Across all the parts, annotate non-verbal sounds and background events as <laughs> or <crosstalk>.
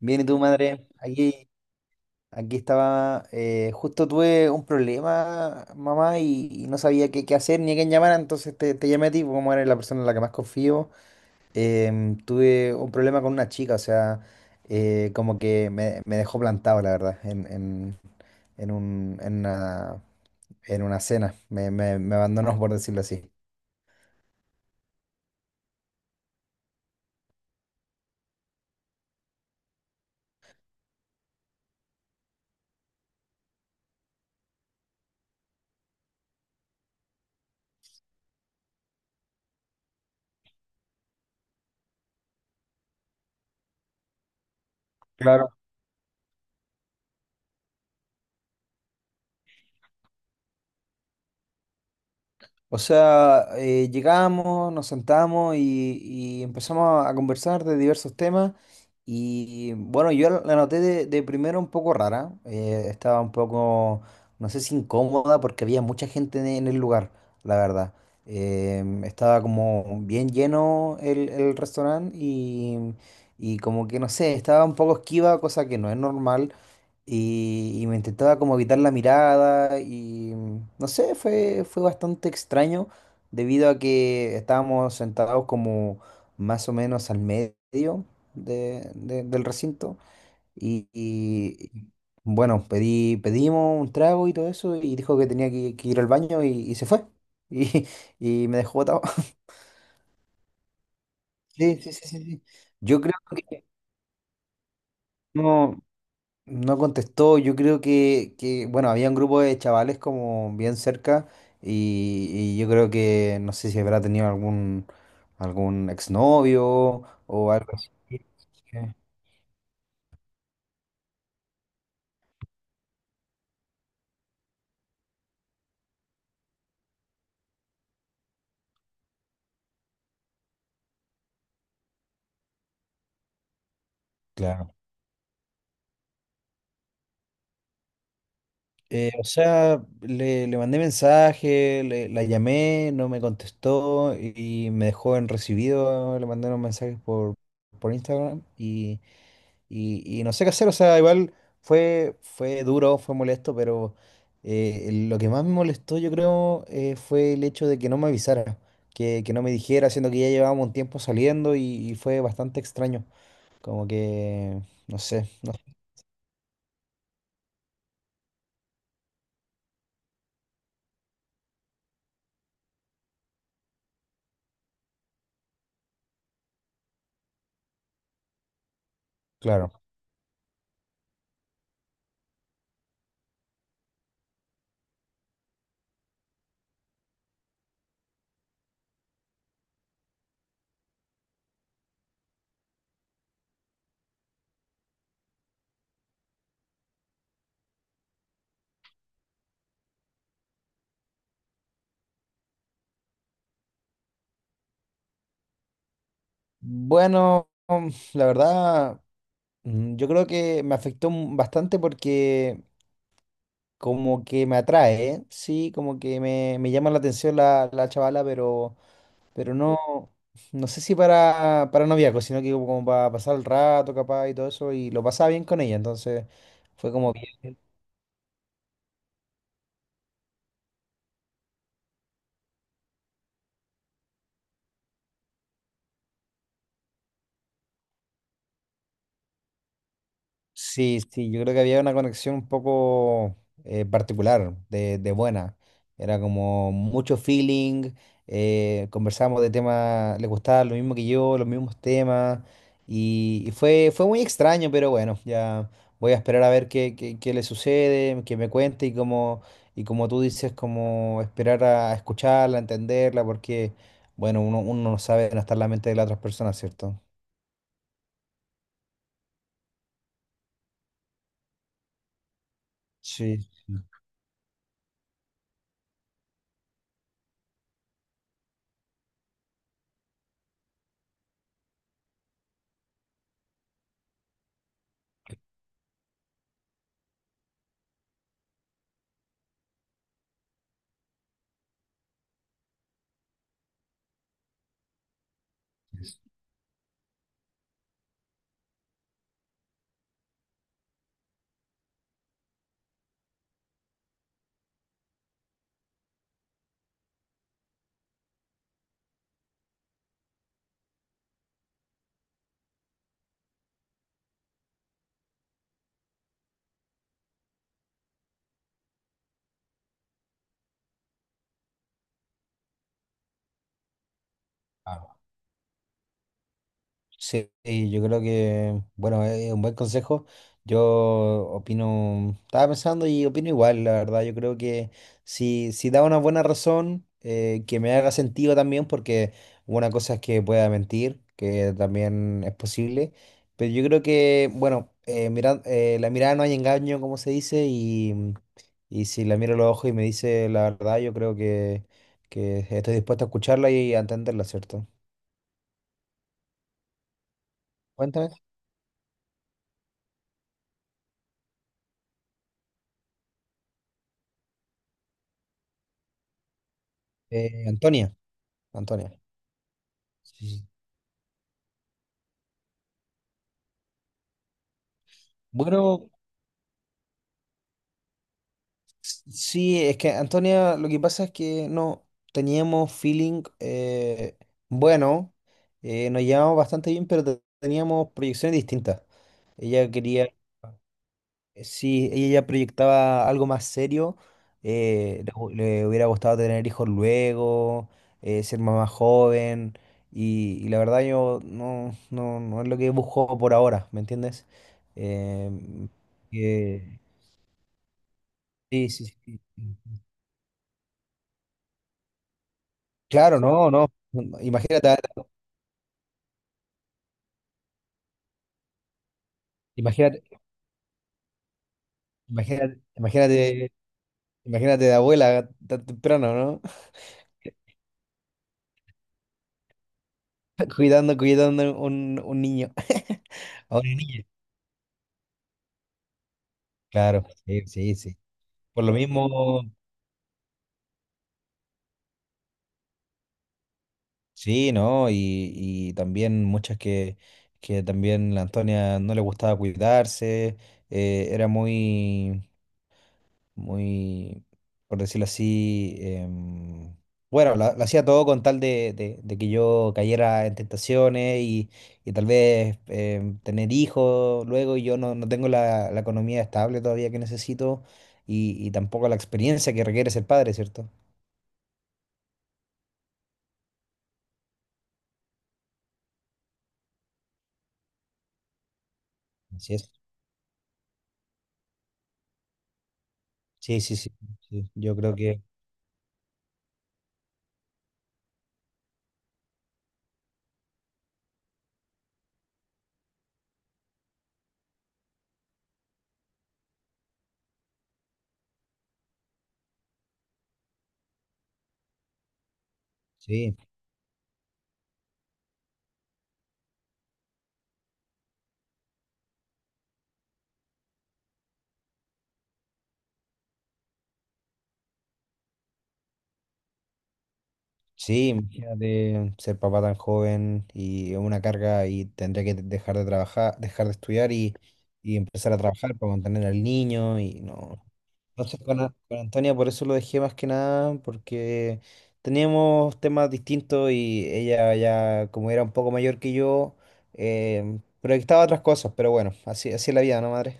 Bien, ¿y tú, madre? Aquí estaba, justo tuve un problema, mamá, y no sabía qué hacer ni a quién llamar, entonces te llamé a ti, porque como eres la persona en la que más confío. Tuve un problema con una chica, o sea, como que me dejó plantado, la verdad, en un, en una, en una cena. Me abandonó, por decirlo así. O sea, llegamos, nos sentamos y empezamos a conversar de diversos temas. Y bueno, yo la noté de primero un poco rara. Estaba un poco, no sé si incómoda, porque había mucha gente en el lugar, la verdad. Estaba como bien lleno el restaurante y como que no sé, estaba un poco esquiva, cosa que no es normal y me intentaba como evitar la mirada y no sé, fue bastante extraño debido a que estábamos sentados como más o menos al medio del recinto y, y, bueno, pedimos un trago y todo eso y dijo que tenía que ir al baño y se fue <laughs> y, y me dejó botado. <laughs> Sí, sí, sí, sí, sí. Yo creo que no. No contestó, yo creo bueno, había un grupo de chavales como bien cerca y yo creo que no sé si habrá tenido algún exnovio o algo así. Eh, Claro. Le mandé mensaje, la llamé, no me contestó y me dejó en recibido, le mandé unos mensajes por Instagram. Y no sé qué hacer, o sea, igual fue duro, fue molesto, pero lo que más me molestó, yo creo, fue el hecho de que no me avisara, que no me dijera, siendo que ya llevábamos un tiempo saliendo y fue bastante extraño. Como que, no sé, no sé, claro. Bueno, la verdad, yo creo que me afectó bastante porque como que me atrae, ¿eh? Sí, como que me llama la atención la chavala, pero. Pero no, no sé si para noviazgo, sino que como para pasar el rato, capaz, y todo eso, y lo pasaba bien con ella, entonces fue como bien. Sí, sí, yo creo que había una conexión un poco particular, de buena. Era como mucho feeling, conversábamos de temas, le gustaba lo mismo que yo, los mismos temas, y fue muy extraño, pero bueno, ya voy a esperar a ver qué le sucede, que me cuente y como tú dices, como esperar a escucharla, a entenderla, porque bueno, uno no sabe, no está en la mente de las otras personas, ¿cierto? Sí. Sí, y yo creo que, bueno, es un buen consejo. Yo opino, estaba pensando y opino igual, la verdad. Yo creo que si da una buena razón, que me haga sentido también, porque una cosa es que pueda mentir, que también es posible. Pero yo creo que, bueno, la mirada no hay engaño, como se dice, y si la miro a los ojos y me dice la verdad, yo creo que estoy dispuesto a escucharla y a entenderla, ¿cierto? Cuéntame, Antonia. Antonia. Sí. Bueno, sí, es que Antonia, lo que pasa es que no teníamos feeling, bueno, nos llevábamos bastante bien, pero teníamos proyecciones distintas. Ella quería, sí, ella ya proyectaba algo más serio, le hubiera gustado tener hijos luego, ser mamá joven, y la verdad yo no, no, no es lo que busco por ahora, ¿me entiendes? Em, que- Sí, sí, sí, sí. Claro, no, no. Imagínate, imagínate, imagínate, imagínate, imagínate de abuela tan temprano, ¿no? <laughs> Cuidando, cuidando un niño, <laughs> a una niña. Claro, sí, sí, sí. Por lo mismo, sí, ¿no? Y también muchas que también la Antonia no le gustaba cuidarse, era muy, muy, por decirlo así, bueno, lo hacía todo con tal de que yo cayera en tentaciones y tal vez tener hijos luego y yo no, no tengo la economía estable todavía que necesito y tampoco la experiencia que requiere ser padre, ¿cierto? Así es. Sí, sí, sí, sí. Yo creo que sí. Sí, imagínate ser papá tan joven y una carga y tendría que dejar de trabajar, dejar de estudiar y empezar a trabajar para mantener al niño y no. Entonces con Antonia por eso lo dejé más que nada porque teníamos temas distintos y ella ya como era un poco mayor que yo, proyectaba otras cosas, pero bueno, así, así es la vida, ¿no, madre?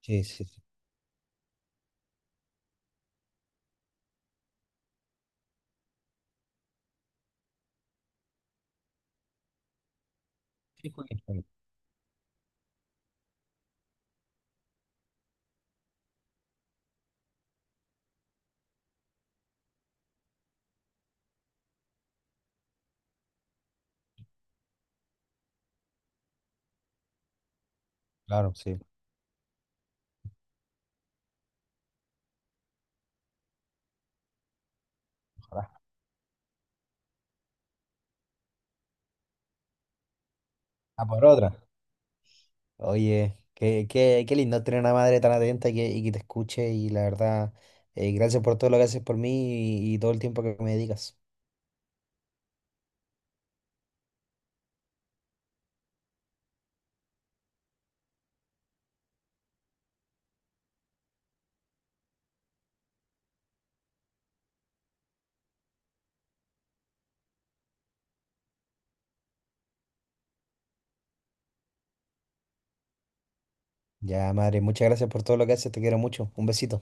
Sí, sí, sí. Sí, Joaquín. Claro, sí. Ojalá. A por otra. Oye, qué, qué, qué lindo tener una madre tan atenta y que te escuche y la verdad, gracias por todo lo que haces por mí y todo el tiempo que me dedicas. Ya, madre, muchas gracias por todo lo que haces, te quiero mucho. Un besito.